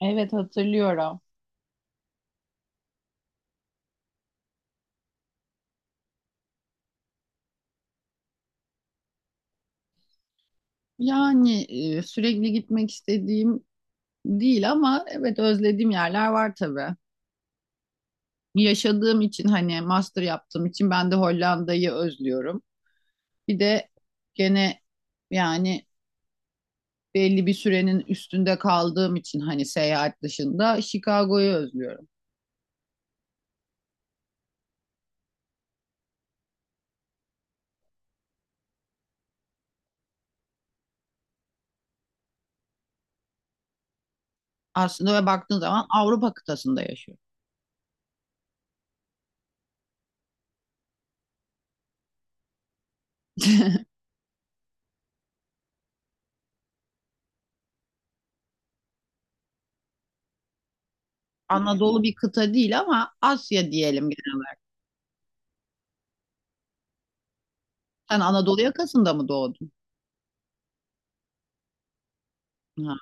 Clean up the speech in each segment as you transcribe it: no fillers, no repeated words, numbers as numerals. Evet hatırlıyorum. Yani sürekli gitmek istediğim değil ama evet özlediğim yerler var tabii. Yaşadığım için hani master yaptığım için ben de Hollanda'yı özlüyorum. Bir de gene yani belli bir sürenin üstünde kaldığım için hani seyahat dışında Chicago'yu özlüyorum. Aslında ve baktığın zaman Avrupa kıtasında yaşıyorum. Anadolu bir kıta değil ama Asya diyelim genel olarak. Sen Anadolu yakasında mı doğdun? Ha,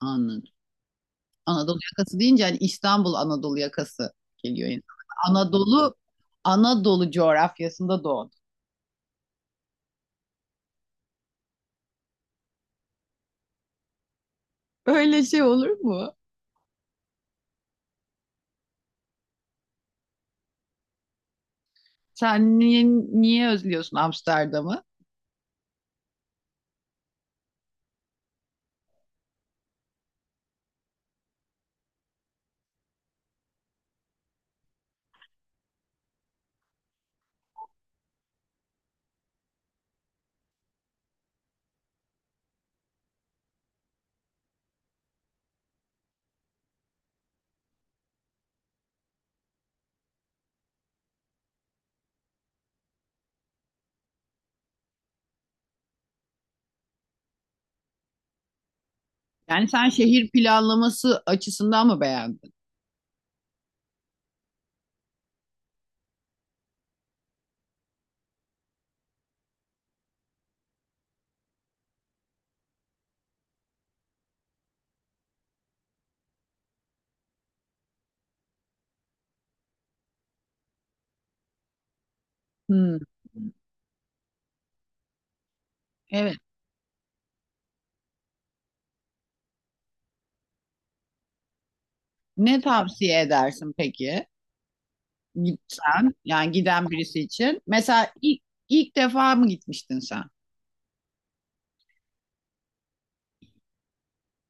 anladım. Anadolu yakası deyince hani İstanbul Anadolu yakası geliyor yani. Anadolu Anadolu coğrafyasında doğdu. Öyle şey olur mu? Sen niye özlüyorsun Amsterdam'ı? Yani sen şehir planlaması açısından mı beğendin? Hmm. Evet. Ne tavsiye edersin peki? Gitsen, yani giden birisi için. Mesela ilk defa mı gitmiştin sen?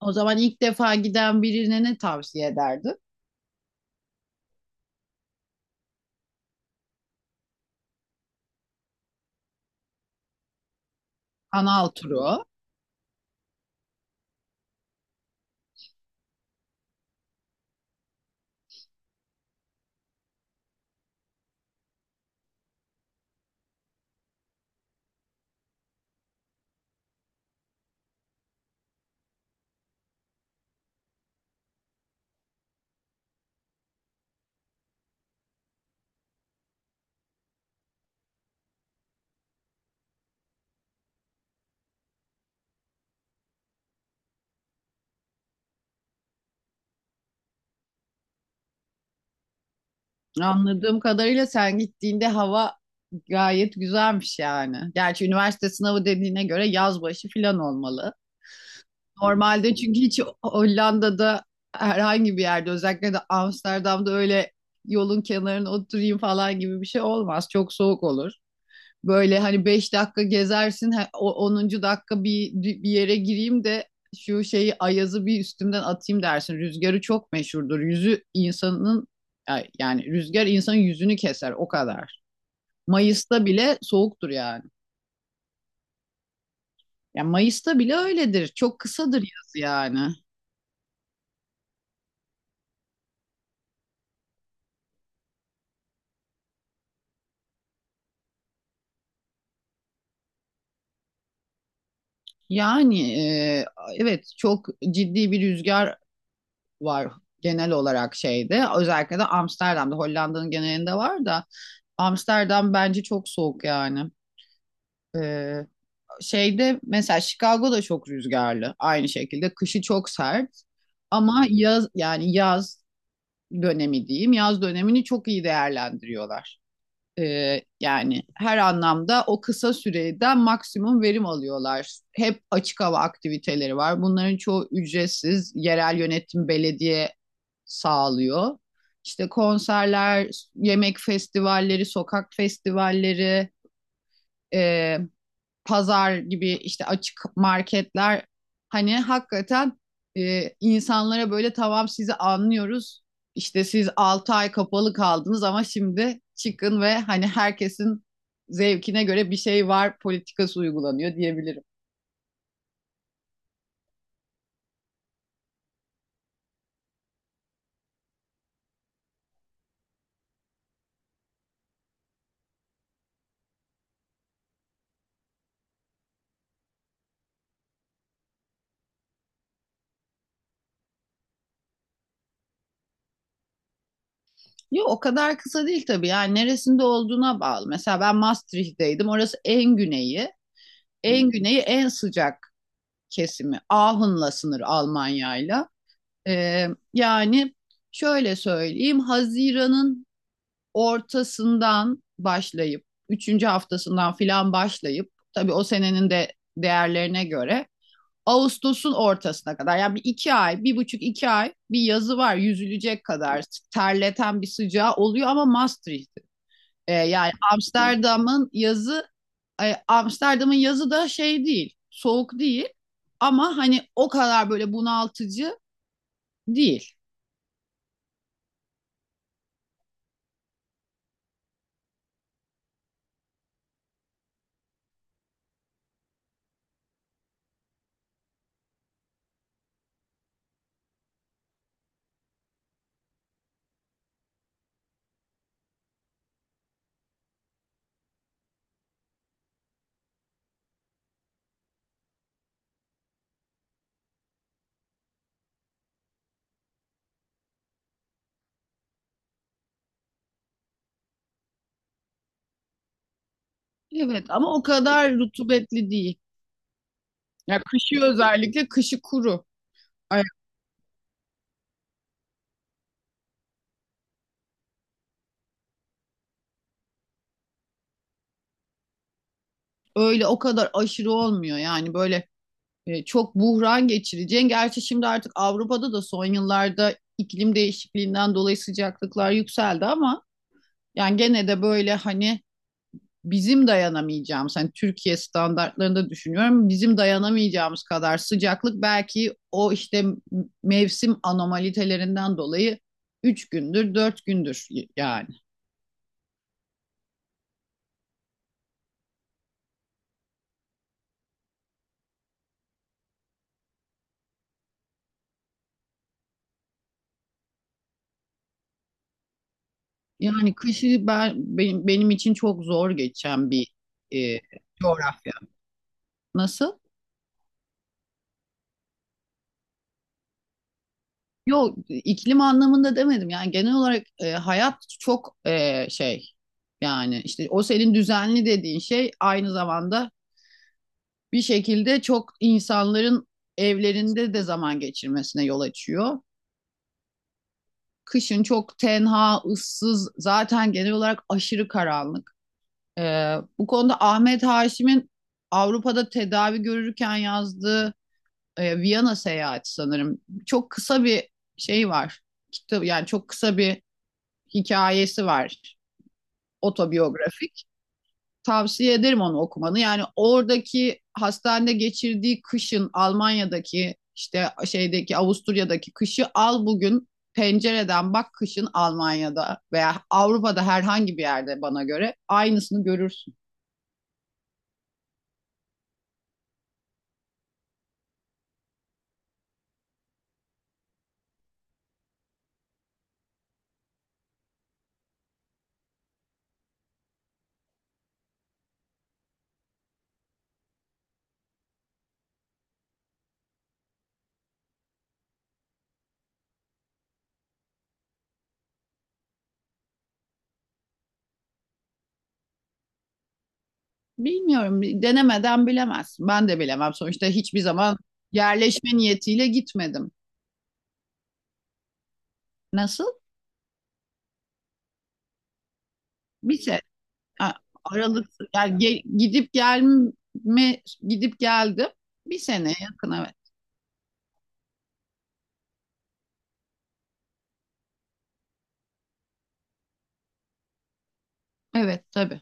O zaman ilk defa giden birine ne tavsiye ederdin? Kanal turu. Anladığım kadarıyla sen gittiğinde hava gayet güzelmiş yani. Gerçi üniversite sınavı dediğine göre yaz başı falan olmalı. Normalde çünkü hiç Hollanda'da herhangi bir yerde özellikle de Amsterdam'da öyle yolun kenarına oturayım falan gibi bir şey olmaz. Çok soğuk olur. Böyle hani 5 dakika gezersin, onuncu dakika bir yere gireyim de şu şeyi ayazı bir üstümden atayım dersin. Rüzgarı çok meşhurdur. Yüzü insanın yani rüzgar insanın yüzünü keser o kadar. Mayıs'ta bile soğuktur yani. Yani Mayıs'ta bile öyledir. Çok kısadır yaz yani. Yani evet çok ciddi bir rüzgar var genel olarak şeyde. Özellikle de Amsterdam'da, Hollanda'nın genelinde var da Amsterdam bence çok soğuk yani. Ee, şeyde mesela Chicago'da çok rüzgarlı aynı şekilde kışı çok sert ama yaz dönemi diyeyim, yaz dönemini çok iyi değerlendiriyorlar. Yani her anlamda o kısa süreden maksimum verim alıyorlar. Hep açık hava aktiviteleri var. Bunların çoğu ücretsiz. Yerel yönetim belediye sağlıyor. İşte konserler, yemek festivalleri, sokak festivalleri, e, pazar gibi işte açık marketler, hani hakikaten insanlara böyle tamam sizi anlıyoruz, İşte siz 6 ay kapalı kaldınız ama şimdi çıkın ve hani herkesin zevkine göre bir şey var politikası uygulanıyor diyebilirim. Yok o kadar kısa değil tabii, yani neresinde olduğuna bağlı. Mesela ben Maastricht'teydim, orası en güneyi. En güneyi, en sıcak kesimi. Ahun'la sınır Almanya'yla. Ee, yani şöyle söyleyeyim, Haziran'ın ortasından başlayıp, üçüncü haftasından filan başlayıp, tabii o senenin de değerlerine göre Ağustos'un ortasına kadar, yani bir iki ay, bir buçuk iki ay bir yazı var, yüzülecek kadar terleten bir sıcağı oluyor ama Maastricht. Yani Amsterdam'ın yazı, Amsterdam'ın yazı da şey değil, soğuk değil ama hani o kadar böyle bunaltıcı değil. Evet ama o kadar rutubetli değil. Ya kışı, özellikle kışı kuru. Ay, öyle o kadar aşırı olmuyor yani, böyle çok buhran geçireceğin. Gerçi şimdi artık Avrupa'da da son yıllarda iklim değişikliğinden dolayı sıcaklıklar yükseldi ama yani gene de böyle hani bizim dayanamayacağımız, hani Türkiye standartlarında düşünüyorum, bizim dayanamayacağımız kadar sıcaklık belki, o işte mevsim anomalitalerinden dolayı 3 gündür, 4 gündür yani. Yani kışı benim için çok zor geçen bir e, coğrafya. Nasıl? Yok, iklim anlamında demedim. Yani genel olarak hayat çok şey, yani işte o senin düzenli dediğin şey aynı zamanda bir şekilde çok insanların evlerinde de zaman geçirmesine yol açıyor. Kışın çok tenha, ıssız, zaten genel olarak aşırı karanlık. Bu konuda Ahmet Haşim'in Avrupa'da tedavi görürken yazdığı Viyana seyahati sanırım. Çok kısa bir şey var. Kitap yani, çok kısa bir hikayesi var. Otobiyografik. Tavsiye ederim onu okumanı. Yani oradaki hastanede geçirdiği kışın Almanya'daki, işte şeydeki Avusturya'daki kışı al, bugün pencereden bak, kışın Almanya'da veya Avrupa'da herhangi bir yerde bana göre aynısını görürsün. Bilmiyorum, denemeden bilemezsin. Ben de bilemem sonuçta, hiçbir zaman yerleşme niyetiyle gitmedim. Nasıl? Bir şey, a- aralıksız yani, gidip geldim, bir sene yakın, evet. Evet tabii.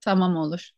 Tamam, olur.